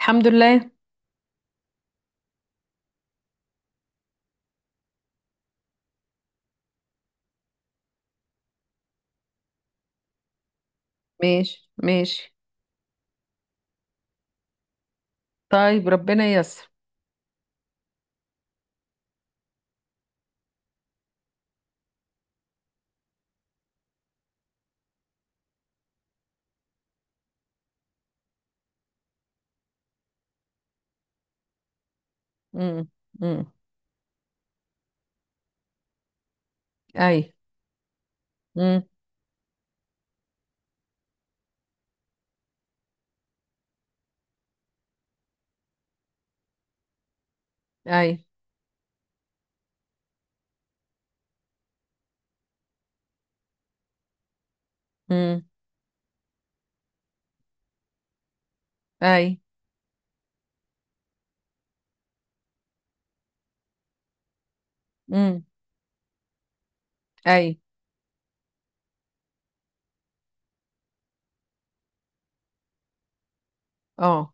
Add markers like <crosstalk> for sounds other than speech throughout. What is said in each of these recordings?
الحمد لله. ماشي ماشي. طيب، ربنا ييسر. امم. امم. اي. امم. اي. امم. اي. امم. اي. اه.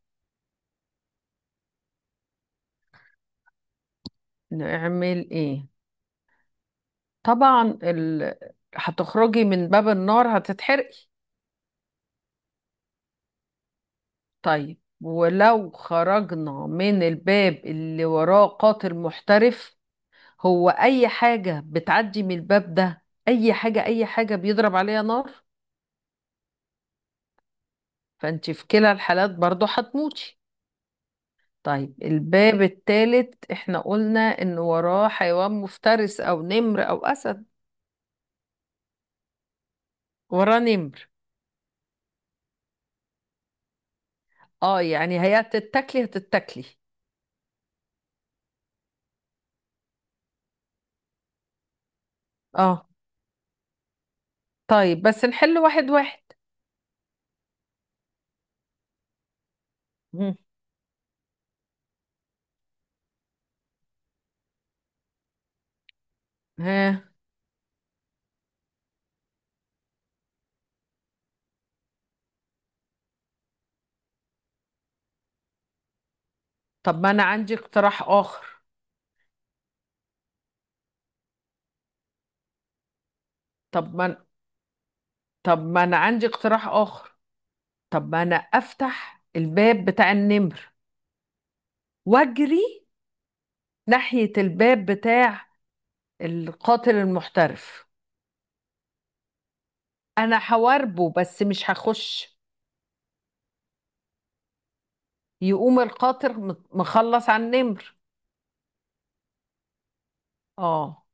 نعمل ايه؟ طبعا هتخرجي من باب النار هتتحرقي. طيب، ولو خرجنا من الباب اللي وراه قاتل محترف، هو اي حاجة بتعدي من الباب ده، اي حاجة اي حاجة بيضرب عليها نار. فانت في كلا الحالات برضو هتموتي. طيب، الباب التالت احنا قلنا ان وراه حيوان مفترس او نمر او اسد. وراه نمر. اه، يعني هي هتتاكلي هتتاكلي. اه، طيب بس نحل واحد واحد. مم. ها. طب ما انا عندي اقتراح اخر. طب ما أنا- طب ما انا عندي اقتراح اخر. طب ما انا افتح الباب بتاع النمر واجري ناحية الباب بتاع القاتل المحترف. انا هواربه بس مش هخش. يقوم القاطر مخلص على النمر. اه.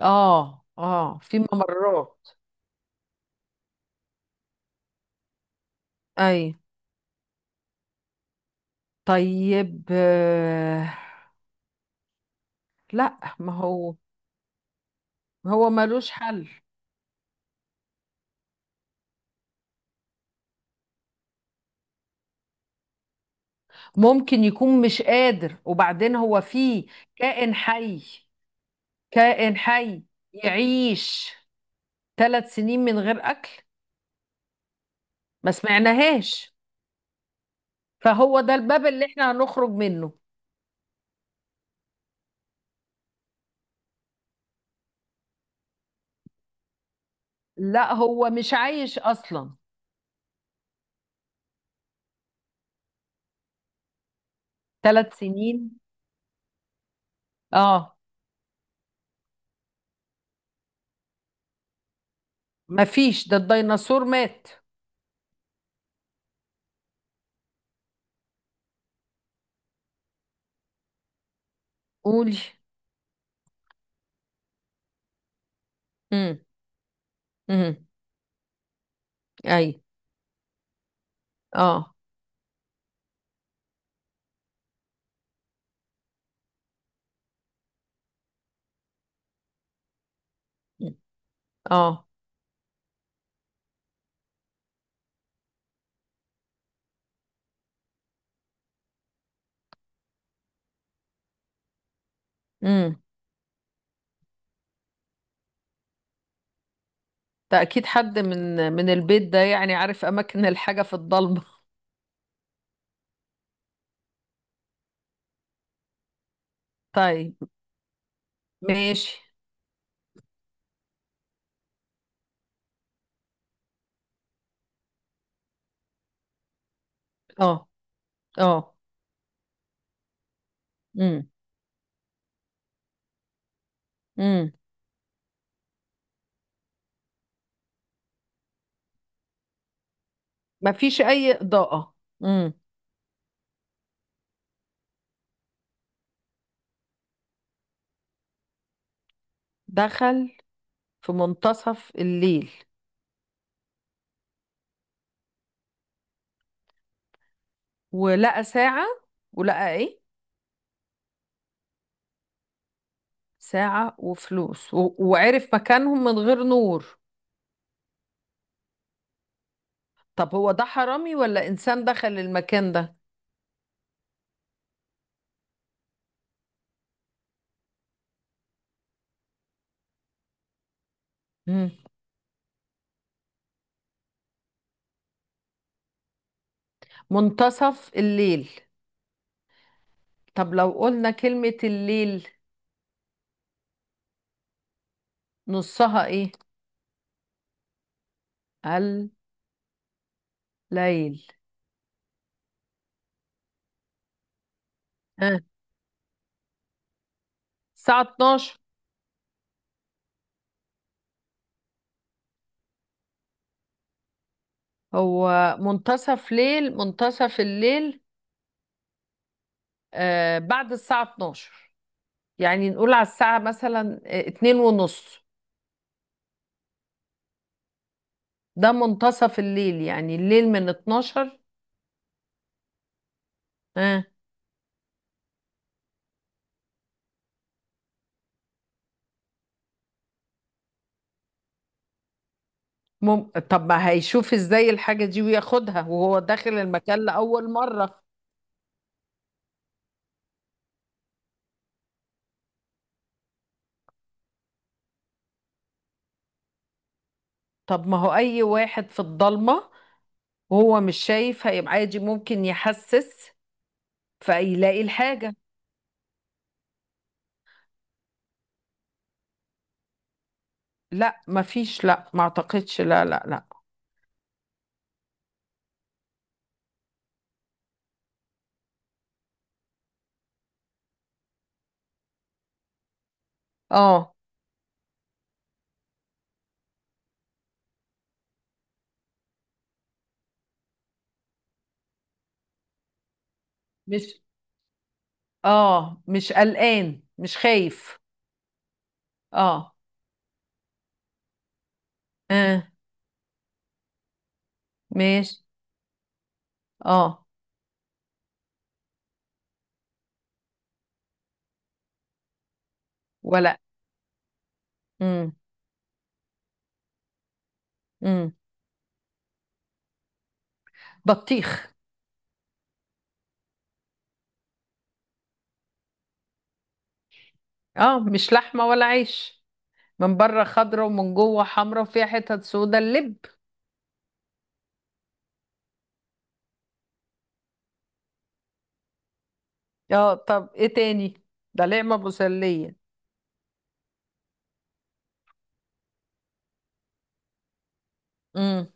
اه في ممرات. اي. طيب، لا ما هو. هو ملوش حل. ممكن يكون مش قادر، وبعدين هو فيه كائن حي. كائن حي يعيش ثلاث سنين من غير اكل؟ ما سمعناهاش. فهو ده الباب اللي احنا هنخرج منه. لا، هو مش عايش اصلا. ثلاث سنين. اه، مفيش، ده الديناصور مات. قولي. امم. امم. اي. اه. مم. اه. امم. ده اكيد حد من البيت ده، يعني عارف اماكن الحاجة في الضلمة. <laughs> طيب، ماشي. اه. اه. امم. امم. مفيش اي اضاءة. امم. دخل في منتصف الليل، ولقى ساعة، ولقى ايه؟ ساعة وفلوس، وعرف مكانهم من غير نور. طب هو ده حرامي ولا انسان دخل المكان ده؟ مم. منتصف الليل. طب لو قلنا كلمة الليل نصها ايه؟ الليل. ها. الساعة 12. هو منتصف ليل منتصف الليل. آه، بعد الساعة 12. يعني نقول على الساعة مثلا اتنين ونص. ده منتصف الليل، يعني الليل من 12. ها. طب ما هيشوف ازاي الحاجة دي وياخدها وهو داخل المكان لأول مرة؟ طب ما هو أي واحد في الضلمة وهو مش شايف هيبقى عادي، ممكن يحسس فيلاقي الحاجة. لا مفيش، لا ما اعتقدش، لا لا لا. اه مش اه مش قلقان، مش خايف. اه. اه. ماشي. اه. ولا. امم. امم. بطيخ. اه، مش لحمة ولا عيش، من بره خضرة ومن جوه حمرا وفيها حتت سودا، اللب. اه، طب ايه تاني؟ ده نعمة مسلية. امم.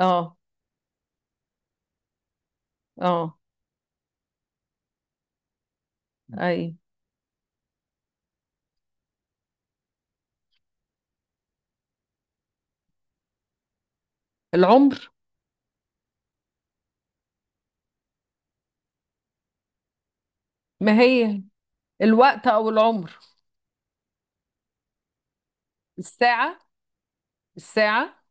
اه. اه. اي. العمر. ما هي الوقت او العمر. الساعة. الساعة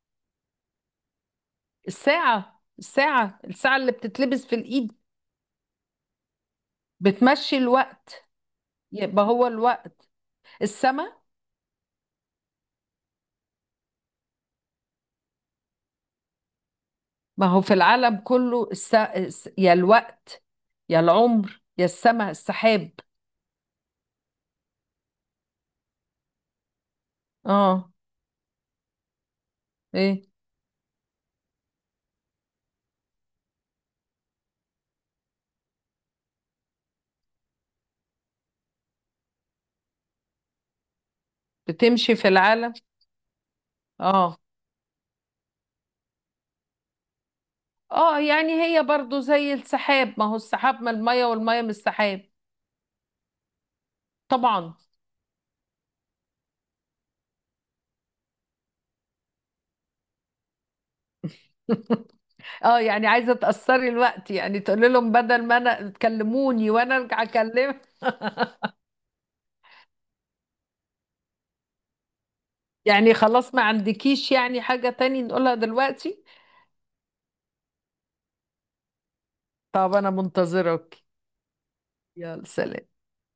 الساعة اللي بتتلبس في الايد. بتمشي الوقت. يبقى هو الوقت. السما. ما هو في العالم كله يا الوقت، يا العمر، يا السما، السحاب. اه. ايه، بتمشي في العالم. اه. اه، يعني هي برضو زي السحاب، ما هو السحاب من المية والمية من السحاب. طبعا. <laughs> اه، يعني عايزه تاثري الوقت، يعني تقولي لهم بدل ما انا تكلموني وانا ارجع اكلم. يعني خلاص ما عندكيش يعني حاجه تاني نقولها دلوقتي؟ طب انا منتظرك. يلا سلام.